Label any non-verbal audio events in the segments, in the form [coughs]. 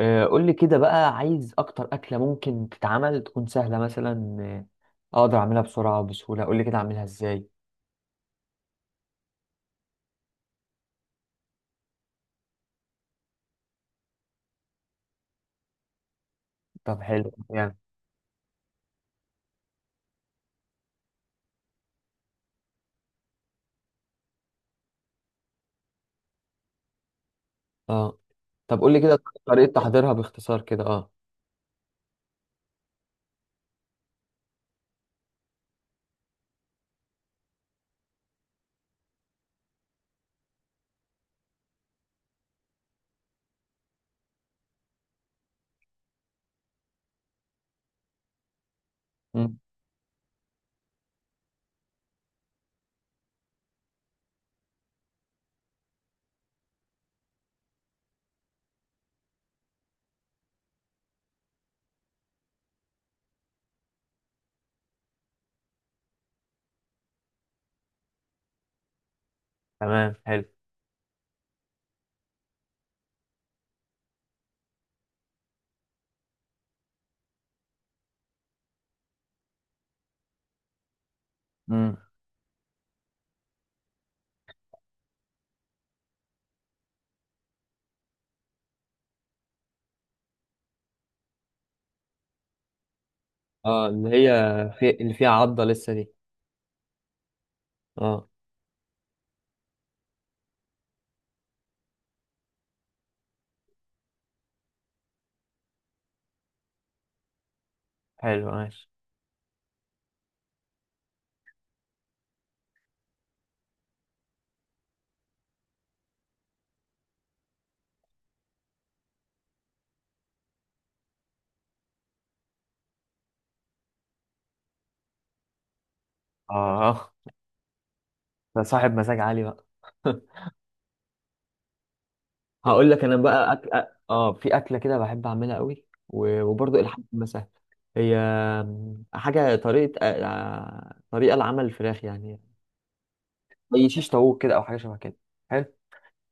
قول لي كده بقى عايز اكتر اكله ممكن تتعمل تكون سهله مثلا. اقدر اعملها بسرعه وبسهوله قول لي كده اعملها ازاي؟ طب حلو يعني. اه، طب قول لي كده طريقه تحضيرها باختصار كده اه. مم. تمام حلو. امم، اه اللي هي في... اللي فيها عضه لسه دي. اه حلو ماشي اه. [laughs] ده صاحب مزاج عالي بقى. [laughs] هقول لك انا بقى اه في اكله كده بحب اعملها قوي وبرضه الحاج مسهل. هي حاجه طريقه، طريقه لعمل الفراخ يعني. زي شيش طاووق كده او حاجه شبه كده. حلو.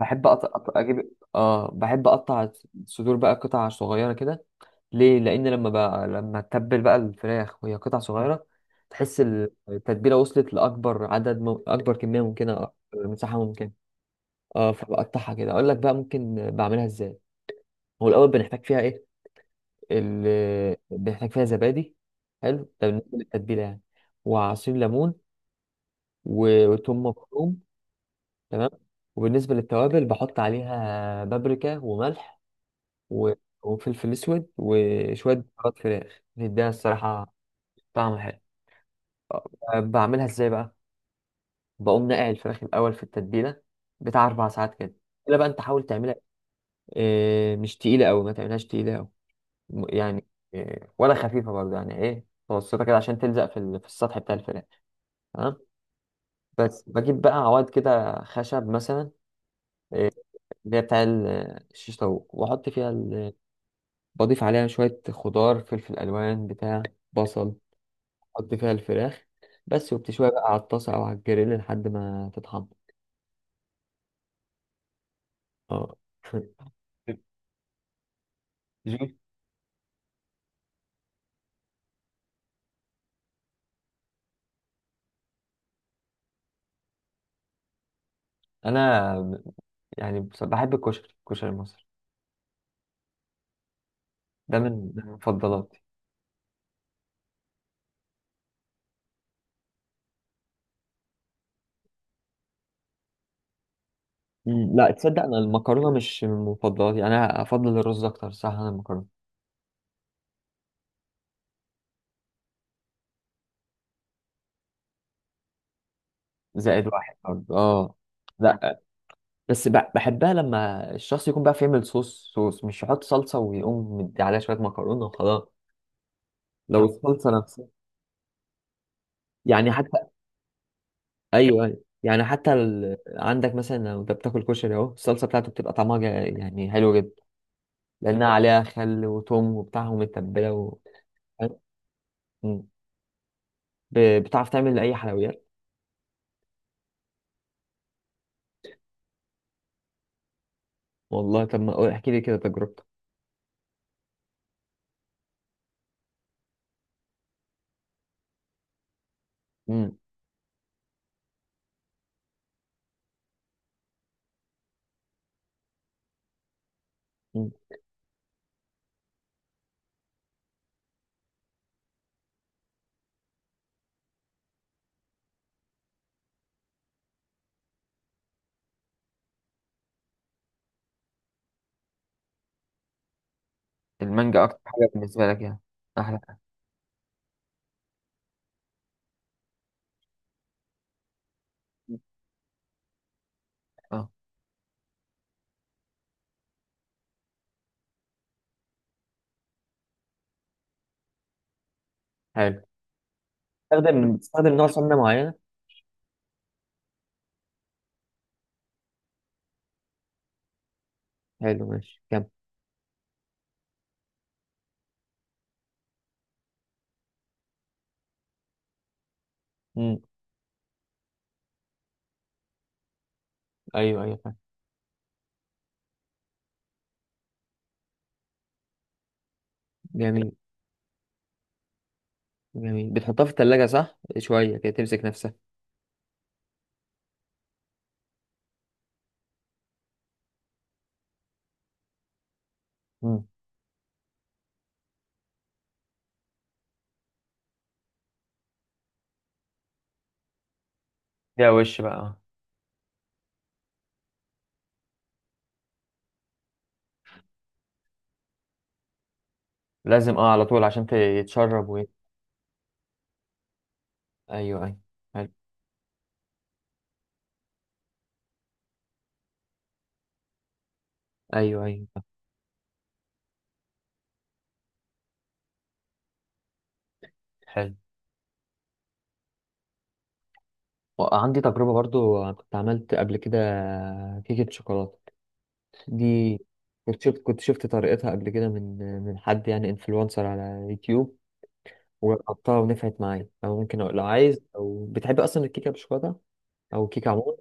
بحب اجيب اه بحب اقطع الصدور بقى قطع صغيره كده. ليه؟ لان لما تتبل بقى الفراخ وهي قطع صغيره تحس التتبيله وصلت لاكبر اكبر كميه ممكنه، أكبر مساحه ممكنه. اه فبقطعها كده اقول لك بقى ممكن بعملها ازاي. هو الاول بنحتاج فيها ايه اللي بنحتاج فيها؟ زبادي. حلو ده بالنسبة للتتبيلة يعني. وعصير ليمون وتوم مفروم. تمام. وبالنسبة للتوابل بحط عليها بابريكا وملح و- وفلفل أسود وشوية بهارات فراخ بتديها الصراحة طعم حلو. بعملها ازاي بقى؟ بقوم نقع الفراخ الأول في التتبيلة بتاع أربع ساعات كده. التتبيلة بقى أنت حاول تعملها إيه، مش تقيلة أوي، ما تعملهاش تقيلة أوي. يعني إيه، ولا خفيفة برضه، يعني إيه متوسطة كده عشان تلزق في السطح بتاع الفراخ. تمام. بس بجيب بقى عواد كده خشب مثلا، إيه، اللي هي الشيش طاووق واحط فيها ال... بضيف عليها شويه خضار، فلفل الوان بتاع، بصل، احط فيها الفراخ بس، وبتشويها بقى على الطاسه او على الجريل لحد ما تتحمر. اه. [laughs] جي. انا يعني بحب الكشري، الكشري المصري. ده من ده من مفضلاتي. لا تصدق انا المكرونه مش من مفضلاتي، انا افضل الرز اكتر. صح انا المكرونه زائد واحد برضه اه. لا بس بحبها لما الشخص يكون بقى يعمل صوص، مش يحط صلصة ويقوم مدي عليها شوية مكرونة وخلاص. لو الصلصة نفسها يعني حتى، أيوه أيوه يعني حتى ال... عندك مثلا لو أنت بتاكل كشري أهو الصلصة بتاعته بتبقى طعمها يعني حلو جدا. لأنها عليها خل وتوم وبتاع ومتبلة و... م. بتعرف تعمل أي حلويات؟ والله طب ما قول- احكي لي كده تجربتك. م. م. المانجا أكتر حاجة بالنسبة لك يعني، أحلى حاجة. أه حلو. بتستخدم نوع سمنة معينة؟ حلو ماشي كمل. ايوه ايوه فاهم. جميل. جميل بتحطها في التلاجة صح شوية كده تمسك نفسها. مم. ده وش بقى. لازم اه على طول عشان تتشرب ويت. ايوه ايوه حلو. ايوه ايوه فاهم. حلو، وعندي تجربة برضو كنت عملت قبل كده كيكة شوكولاتة دي. كنت شفت طريقتها قبل كده من حد يعني انفلونسر على يوتيوب. وجربتها ونفعت معايا، او ممكن لو عايز او بتحب اصلا الكيكة بالشوكولاتة او كيكة عموما.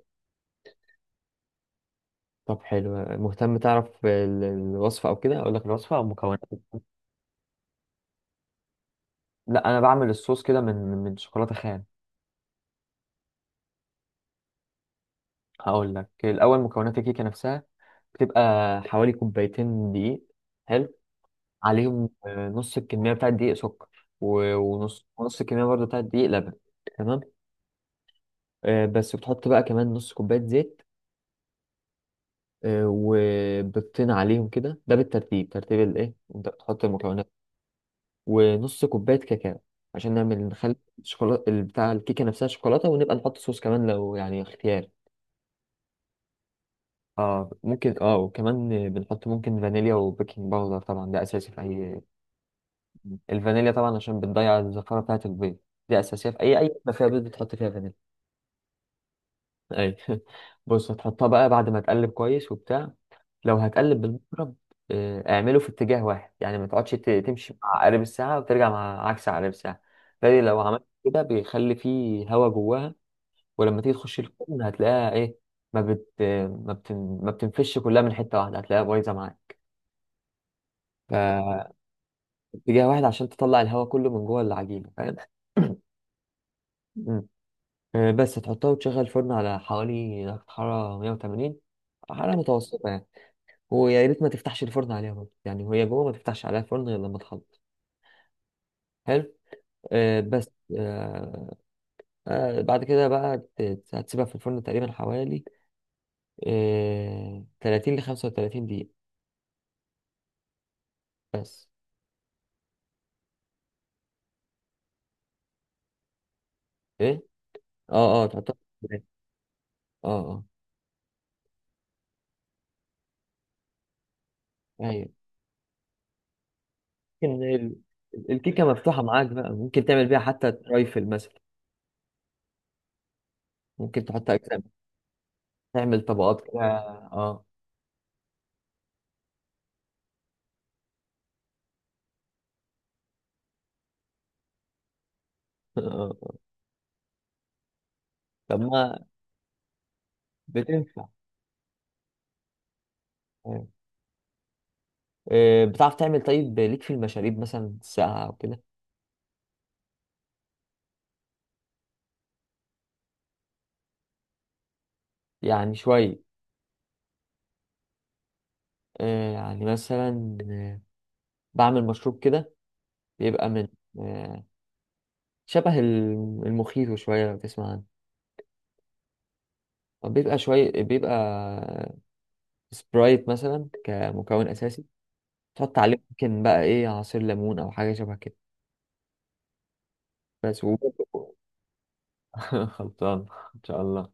طب حلو. مهتم تعرف الوصفة أو كده أقول لك الوصفة أو مكونات؟ لا أنا بعمل الصوص كده من شوكولاتة خام. هقول لك الأول مكونات الكيكة نفسها، بتبقى حوالي كوبايتين دقيق. حلو. عليهم نص الكمية بتاعة الدقيق سكر. ونص الكمية برضه بتاعة الدقيق لبن. تمام. بس بتحط بقى كمان نص كوباية زيت. وبتطين عليهم كده، ده بالترتيب، ترتيب الإيه أنت بتحط المكونات. ونص كوباية كاكاو عشان نعمل نخلي الشوكولاتة بتاع الكيكة نفسها شوكولاتة، ونبقى نحط صوص كمان لو يعني اختيار. اه ممكن اه. وكمان بنحط ممكن فانيليا وبيكنج باودر، طبعا ده اساسي في اي. الفانيليا طبعا عشان بتضيع الزفارة بتاعة البيض، دي اساسية في اي اي ما فيها بيض بتحط فيها فانيليا. اي. [laughs] بص هتحطها بقى بعد ما تقلب كويس وبتاع. لو هتقلب بالمضرب، اعمله في اتجاه واحد يعني ما تقعدش تمشي مع عقارب الساعة وترجع مع عكس عقارب الساعة. فدي لو عملت كده بيخلي فيه هوا جواها. ولما تيجي تخش الفرن هتلاقيها ايه، ما بت ما بتنفش كلها من حتة واحدة، هتلاقيها بايظة معاك. فاتجاه واحد عشان تطلع الهوا كله من جوه العجينة، فاهم؟ [coughs] مم. بس تحطها وتشغل الفرن على حوالي درجة حرارة 180، حرارة متوسطة يعني. ويا ريت ما تفتحش الفرن عليها برضه يعني وهي جوه، ما تفتحش عليها الفرن غير لما تخلص. حلو. آه بس، آه آه بعد كده بقى هتسيبها في الفرن تقريبا حوالي 30 ل 35 دقيقة بس. ايه اه اه تحطها في الفرن. اه اه. ايوه ممكن الكيكة مفتوحة معاك بقى ممكن تعمل بيها حتى ترايفل مثلا. ممكن تحط أجزاء، تعمل طبقات كده اه. [laughs] طب ما بتنفع. آه. بتعرف تعمل طيب ليك في المشاريب مثلا ساقعة أو كده؟ يعني شوية. يعني مثلا، بعمل مشروب كده بيبقى من، آه، شبه المخيط شوية لو تسمع عنه. هو بيبقى شوية، بيبقى سبرايت مثلا كمكون أساسي، تحط عليه ممكن بقى إيه عصير ليمون أو حاجة شبه كده بس و... [laughs] خلطان إن شاء الله.